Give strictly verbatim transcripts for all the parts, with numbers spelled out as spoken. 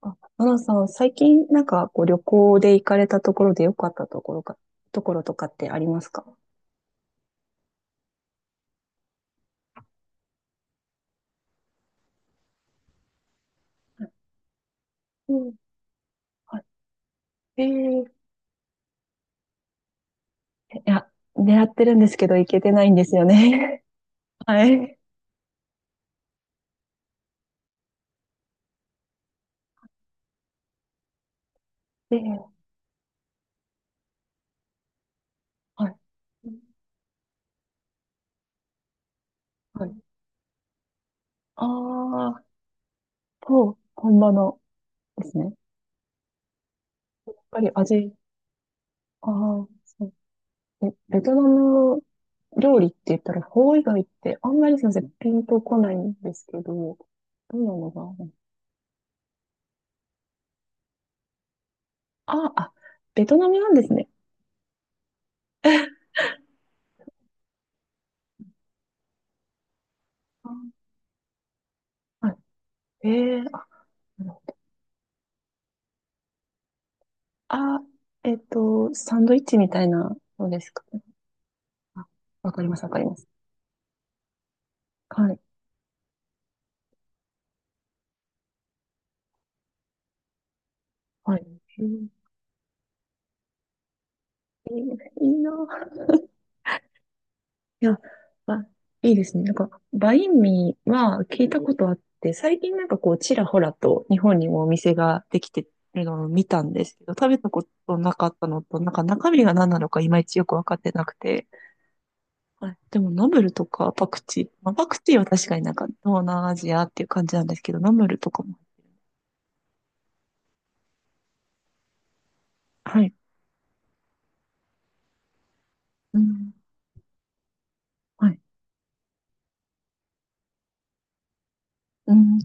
あ、アナさん、最近なんかこう旅行で行かれたところで良かったところか、ところとかってありますか？うん。はい。えー、いや、狙ってるんですけど行けてないんですよね。はい。で、はい。うん、はい。ああ、と、本場のですね。やっぱり味、ああ、そう。え、ベトナム料理って言ったら、フォー以外ってあんまり、すいません、ピンとこないんですけど、どうなのかな？あ、あ、ベトナムなんですね。あ、はい。ええ、あ、あ、えっと、サンドイッチみたいなのですかね。あ、わかります、わかります。はい。はい。えーいい、いいな。いや、あ、いいですね。なんか、バインミーは聞いたことあって、最近なんかこう、ちらほらと日本にもお店ができてるのを見たんですけど、食べたことなかったのと、なんか中身が何なのかいまいちよくわかってなくて、はい。でも、ナムルとかパクチー。まあ、パクチーは確かになんか東南アジアっていう感じなんですけど、ナムルとかも。はい。うん。はい。うん。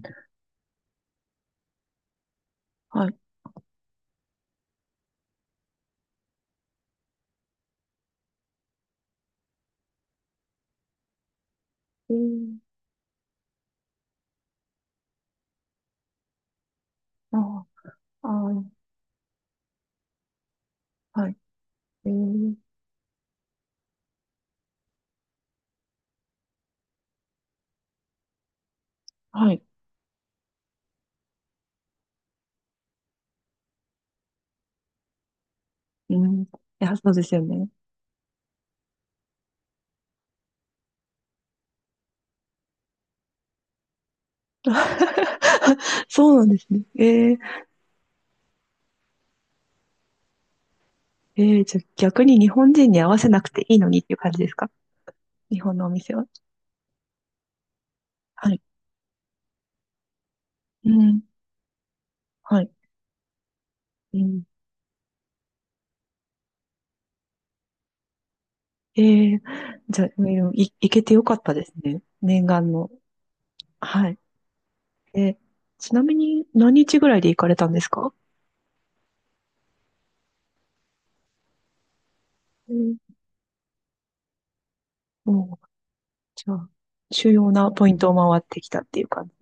はい。えー、ああ、あー、はい。えー、はい。うん。いや、そうですよね。そうなんですね。えー、えー、じゃあ逆に日本人に合わせなくていいのにっていう感じですか？日本のお店は。はい。うん。はい。うん。えー、じゃあ、うん、い、行けてよかったですね。念願の。はい。え、ちなみに何日ぐらいで行かれたんですか？うん。もう、じゃあ、主要なポイントを回ってきたっていう感じ。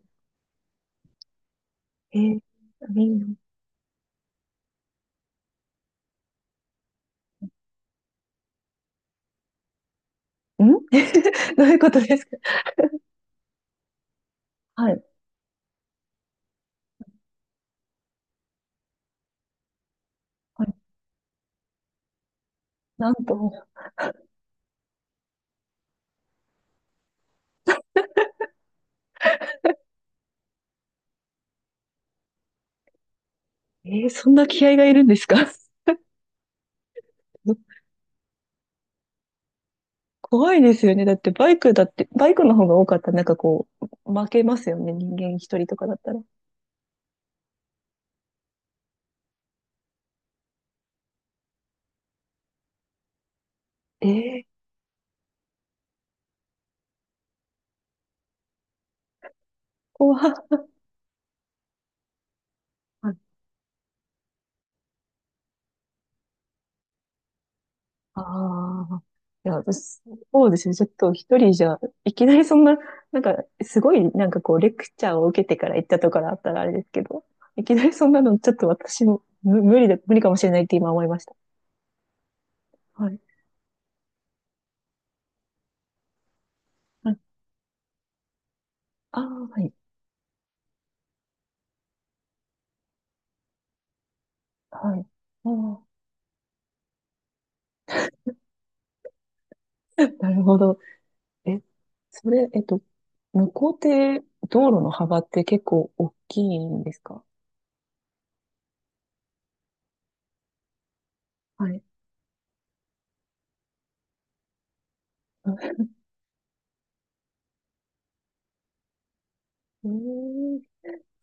えー、いいのん。 どういうことですか？はい。はい。なんと、えー、そんな気合がいるんですか？ 怖いですよね。だってバイクだって、バイクの方が多かったらなんかこう、負けますよね。人間一人とかだったら。えー、怖っ。ああ、いや、私、そうですね。ちょっと一人じゃ、いきなりそんな、なんか、すごい、なんかこう、レクチャーを受けてから行ったとかだったらあれですけど、いきなりそんなの、ちょっと私も、む、無理だ、無理かもしれないって今思いました。はい。はい。ああ、はい。はい。ああ、なるほど。え、それ、えっと、向こうって道路の幅って結構大きいんですか？はい。えー、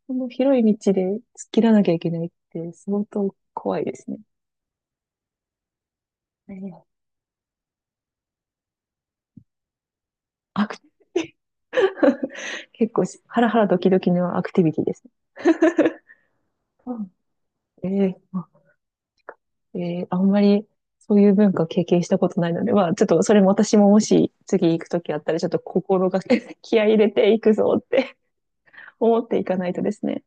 その広い道で突っ切らなきゃいけないって相当怖いですね。えー、アクティ、 結構ハラハラドキドキのアクティビティです？うん、ね。えーあえーあんまりそういう文化経験したことないので、まあちょっとそれも私ももし次行くときあったらちょっと心がけ、 気合い入れていくぞって 思っていかないとですね。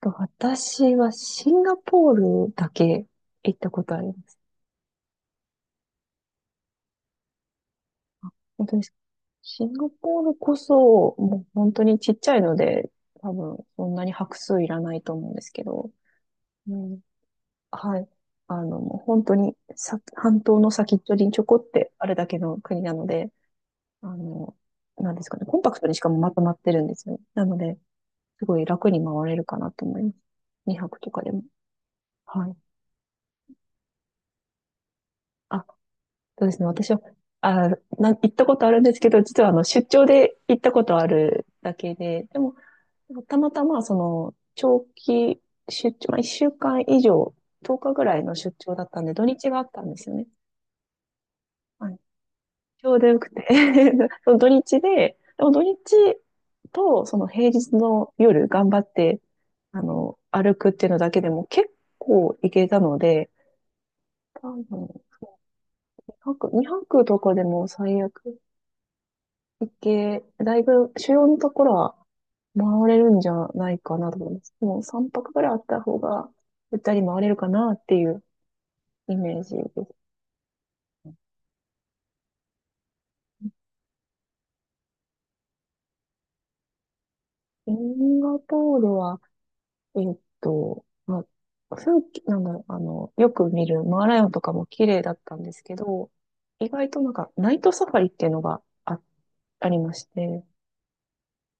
と、私はシンガポールだけ行ったことあります。本当に、シンガポールこそもう本当にちっちゃいので多分そんなに拍数いらないと思うんですけど、うん、はい。あの、もう本当にさ、半島の先っちょにちょこってあるだけの国なので、あの、なんですかね、コンパクトにしかもまとまってるんですよね。なので、すごい楽に回れるかなと思います。にはくとかでも。はい。あ、そうですね。私は、あ、な、行ったことあるんですけど、実はあの、出張で行ったことあるだけで、でも、たまたまその、長期出張、まあ、いっしゅうかん以上、とおかぐらいの出張だったんで、土日があったんですよね。はい、ちょうどよくて その土日で、でも土日とその平日の夜頑張って、あの、歩くっていうのだけでも結構行けたので、多分、にはく、にはくとかでも最悪行け、だいぶ主要のところは回れるんじゃないかなと思います。でもさんぱくぐらいあった方が、ゆったり回れるかなっていうイメージです。シンガポールは、えっと、まあ、風景、なんだろう、あの、よく見るマーライオンとかも綺麗だったんですけど、意外となんかナイトサファリっていうのがあ、ありまして、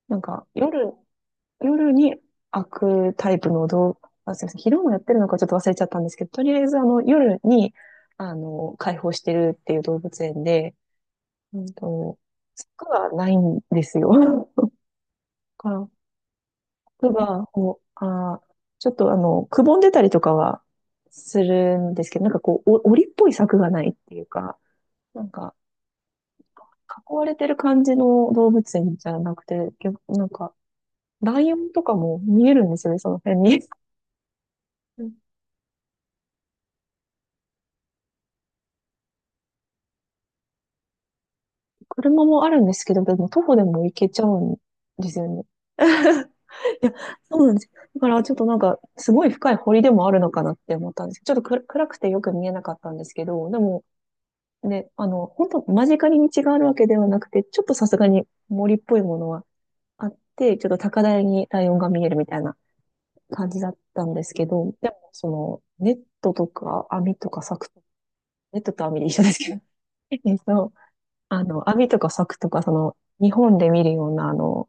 なんか夜、夜に開くタイプの動画、あ、すみません、昼もやってるのかちょっと忘れちゃったんですけど、とりあえずあの、夜に、あの、開放してるっていう動物園で、うんと、柵がないんですよ。だから服が、こう、あー、ちょっとあの、くぼんでたりとかはするんですけど、なんかこう、お、檻っぽい柵がないっていうか、なんか、囲われてる感じの動物園じゃなくて、逆なんか、ライオンとかも見えるんですよね、その辺に。うん、車もあるんですけど、でも徒歩でも行けちゃうんですよね。いや、そうなんですよ。だからちょっとなんか、すごい深い堀でもあるのかなって思ったんですけど、ちょっとく、暗くてよく見えなかったんですけど、でも、で、あの、本当間近に道があるわけではなくて、ちょっとさすがに森っぽいものはあって、ちょっと高台にライオンが見えるみたいな感じだったんですけど、でも、その、ネットとか網とか柵とか、ネットと網で一緒ですけど、えっと、あの、網とか柵とか、その、日本で見るような、あの、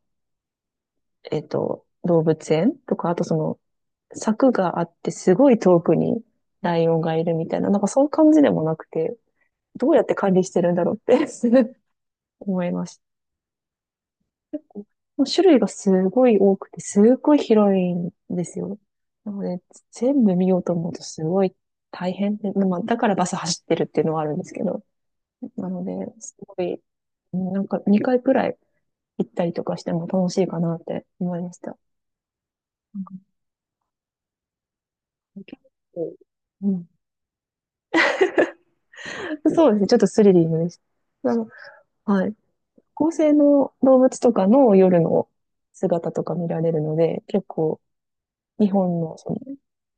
えっと、動物園とか、あとその、柵があってすごい遠くにライオンがいるみたいな、なんかそういう感じでもなくて、どうやって管理してるんだろうって 思いました。もう種類がすごい多くて、すっごい広いんですよ。なので、全部見ようと思うとすごい大変で、まあ、だからバス走ってるっていうのはあるんですけど、なので、すごい、なんかにかいくらい行ったりとかしても楽しいかなって思いました。なんか結構、うん、そうですね。ちょっとスリリングでした。あの、はい。恒星の動物とかの夜の姿とか見られるので、結構日本のその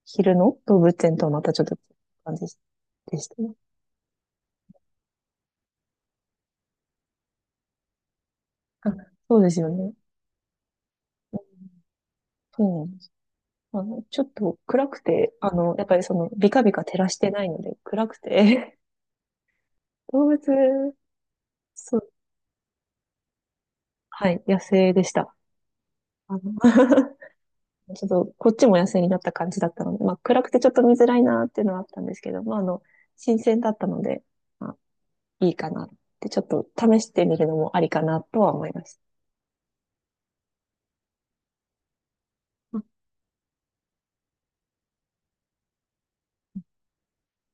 昼の動物園とはまたちょっと違う感じでしたね。あ、そうですよね。そうなんです。あの、ちょっと暗くて、あの、やっぱりその、ビカビカ照らしてないので、暗くて、動物、そう、はい、野生でした。あの ちょっと、こっちも野生になった感じだったので、まあ、暗くてちょっと見づらいなっていうのはあったんですけど、まあ、あの、新鮮だったので、まあ、いいかなって、ちょっと試してみるのもありかなとは思います。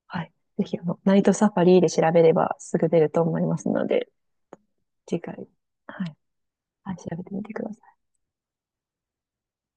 はい。ぜひ、あの、ナイトサファリで調べればすぐ出ると思いますので、次回、はい。はい、調べてみてください。